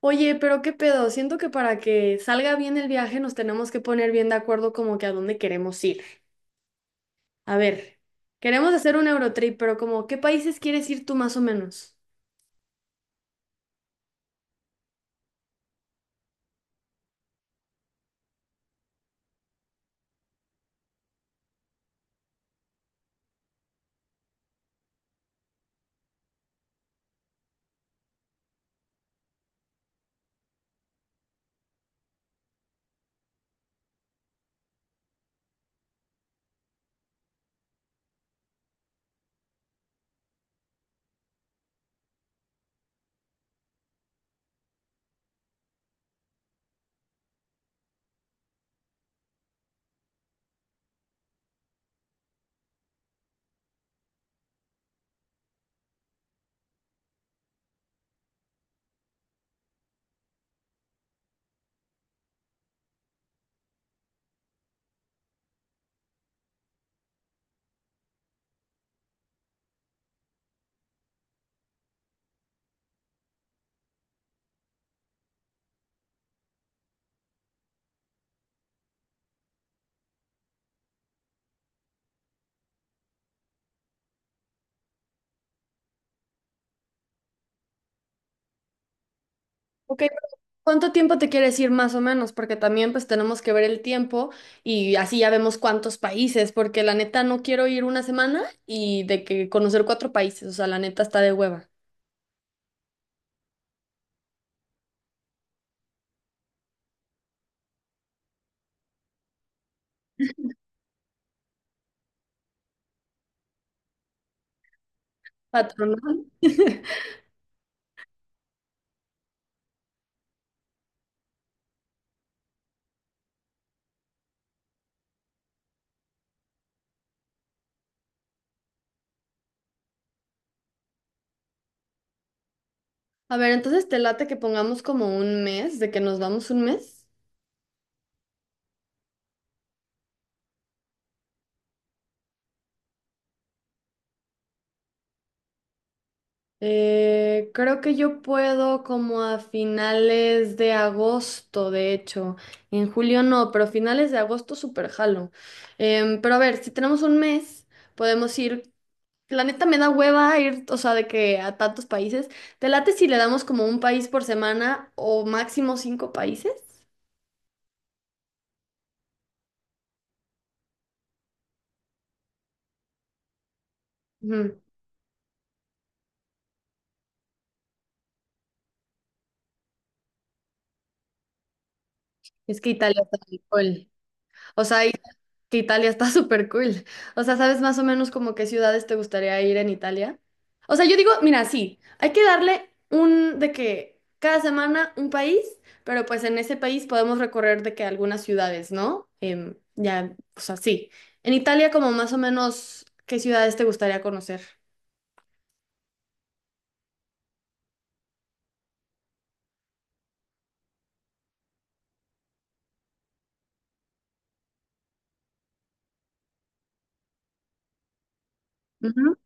Oye, pero qué pedo, siento que para que salga bien el viaje nos tenemos que poner bien de acuerdo como que a dónde queremos ir. A ver, queremos hacer un Eurotrip, pero como, ¿qué países quieres ir tú más o menos? Ok, pero ¿cuánto tiempo te quieres ir más o menos? Porque también pues tenemos que ver el tiempo y así ya vemos cuántos países, porque la neta no quiero ir una semana y de que conocer cuatro países, o sea, la neta está de hueva. Patrón. A ver, entonces te late que pongamos como un mes, de que nos vamos un mes. Creo que yo puedo como a finales de agosto, de hecho. En julio no, pero finales de agosto súper jalo. Pero a ver, si tenemos un mes, podemos ir. La neta me da hueva ir, o sea, de que a tantos países. ¿Te late si le damos como un país por semana o máximo cinco países? Ujú. Es que Italia está muy cool. O sea, que Italia está súper cool. O sea, ¿sabes más o menos como qué ciudades te gustaría ir en Italia? O sea, yo digo, mira, sí, hay que darle un de que cada semana un país, pero pues en ese país podemos recorrer de que algunas ciudades, ¿no? Ya, o sea, sí. En Italia, como más o menos, ¿qué ciudades te gustaría conocer? Ujú.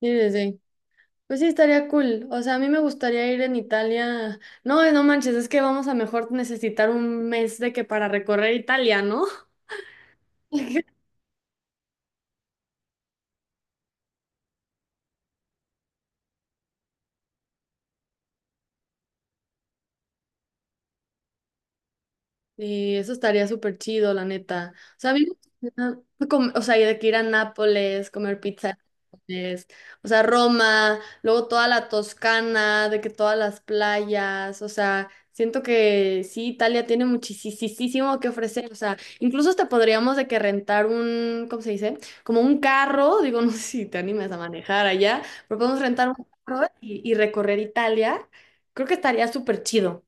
Sí, sí, sí. Pues sí, estaría cool. O sea, a mí me gustaría ir en Italia. No, no manches, es que vamos a mejor necesitar un mes de que para recorrer Italia, ¿no? Sí, eso estaría súper chido, la neta. O sea, a mí me gusta com- o sea, y de que ir a Nápoles, comer pizza, en Nápoles, o sea, Roma, luego toda la Toscana, de que todas las playas, o sea, siento que sí, Italia tiene muchísimo que ofrecer, o sea, incluso hasta podríamos de que rentar un, ¿cómo se dice? Como un carro, digo, no sé si te animas a manejar allá, pero podemos rentar un carro y recorrer Italia, creo que estaría súper chido.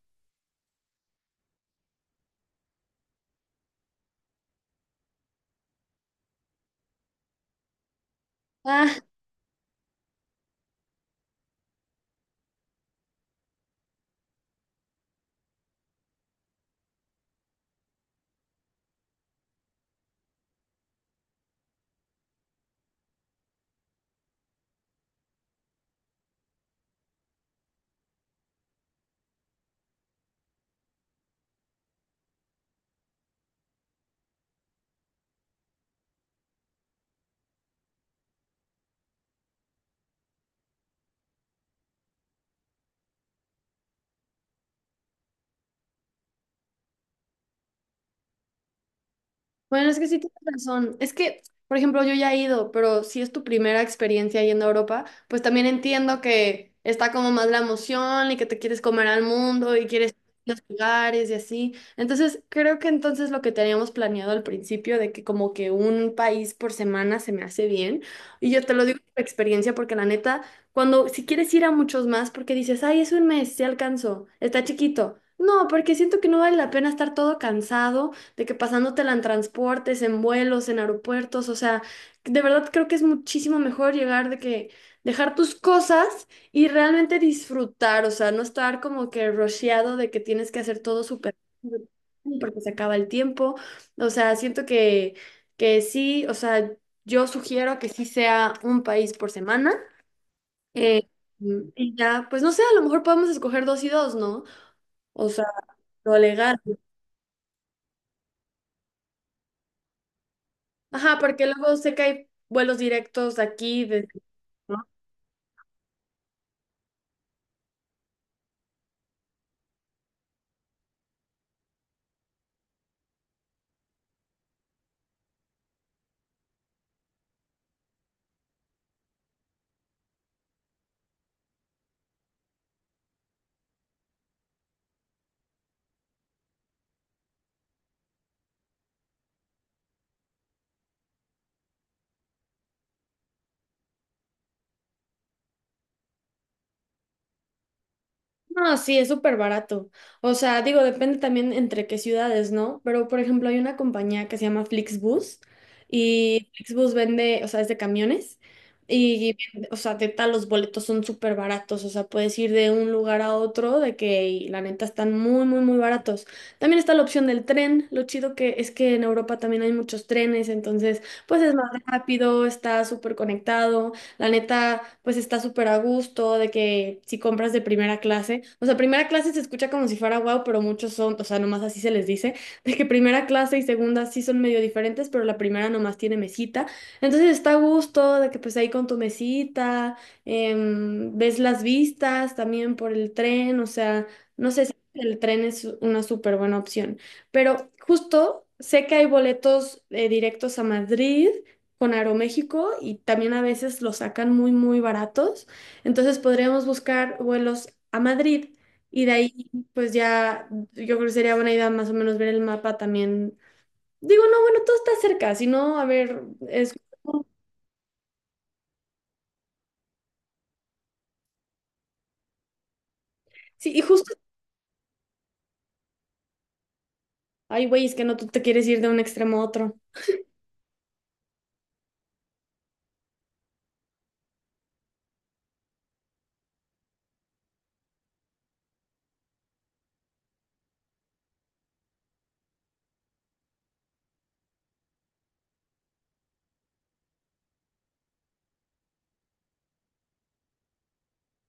Ah, bueno, es que sí tienes razón. Es que, por ejemplo, yo ya he ido, pero si es tu primera experiencia yendo a Europa, pues también entiendo que está como más la emoción y que te quieres comer al mundo y quieres los lugares y así. Entonces, creo que entonces lo que teníamos planeado al principio de que como que un país por semana se me hace bien. Y yo te lo digo por experiencia porque la neta, cuando si quieres ir a muchos más porque dices, "Ay, es un mes, sí alcanzo, está chiquito." No, porque siento que no vale la pena estar todo cansado de que pasándotela en transportes, en vuelos, en aeropuertos, o sea, de verdad creo que es muchísimo mejor llegar de que dejar tus cosas y realmente disfrutar, o sea, no estar como que rusheado de que tienes que hacer todo súper rápido porque se acaba el tiempo, o sea, siento que sí, o sea, yo sugiero que sí sea un país por semana. eh, y ya, pues no sé, a lo mejor podemos escoger dos y dos, ¿no? O sea, lo legal. Ajá, porque luego sé que hay vuelos directos de aquí. De... ¿no? No, sí, es súper barato. O sea, digo, depende también entre qué ciudades, ¿no? Pero, por ejemplo, hay una compañía que se llama Flixbus y Flixbus vende, o sea, es de camiones y, vende- o sea, de tal los boletos son súper baratos. O sea, puedes ir de un lugar a otro de que, y la neta, están muy, muy, muy baratos. También está la opción del tren. Lo chido que es que en Europa también hay muchos trenes, entonces, pues es más rápido, está súper conectado. La neta, pues está súper a gusto de que si compras de primera clase, o sea, primera clase se escucha como si fuera guau, pero muchos son, o sea, nomás así se les dice, de que primera clase y segunda sí son medio diferentes, pero la primera nomás tiene mesita. Entonces está a gusto de que pues ahí con tu mesita, ves las vistas también por el tren, o sea, no sé si el tren es una súper buena opción, pero justo sé que hay boletos directos a Madrid con Aeroméxico y también a veces los sacan muy, muy baratos. Entonces podríamos buscar vuelos a Madrid y de ahí pues ya yo creo que sería buena idea más o menos ver el mapa también. Digo, no, bueno, todo está cerca, si no, a ver, es... Sí, y justo... Ay, güey, es que no, tú te quieres ir de un extremo a otro.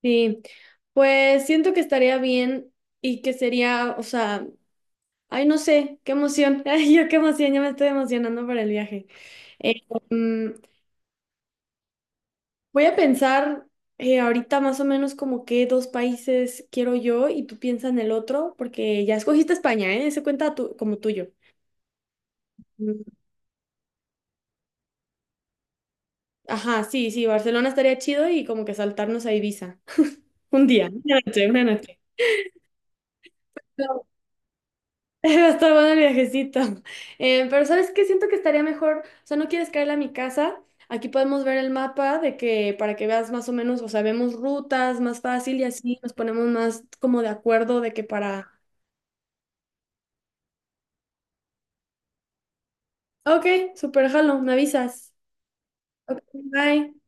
Sí, pues siento que estaría bien y que sería, o sea, ay, no sé, qué emoción. Ay, yo qué emoción, ya me estoy emocionando para el viaje. Eh, mm, Voy a pensar ahorita más o menos como qué dos países quiero yo y tú piensa en el otro, porque ya escogiste España, ¿eh? Ese cuenta tu- como tuyo. Mm, Ajá, sí, sí, Barcelona estaría chido y como que saltarnos a Ibiza. Un día, una noche, una noche. No, va a estar bueno el viajecito. Pero ¿sabes qué? Siento que estaría mejor, o sea, no quieres caerle a mi casa. Aquí podemos ver el mapa de que para que veas más o menos, o sea, vemos rutas más fácil y así nos ponemos más como de acuerdo de que para Ok, super jalo, me avisas. Ok, bye.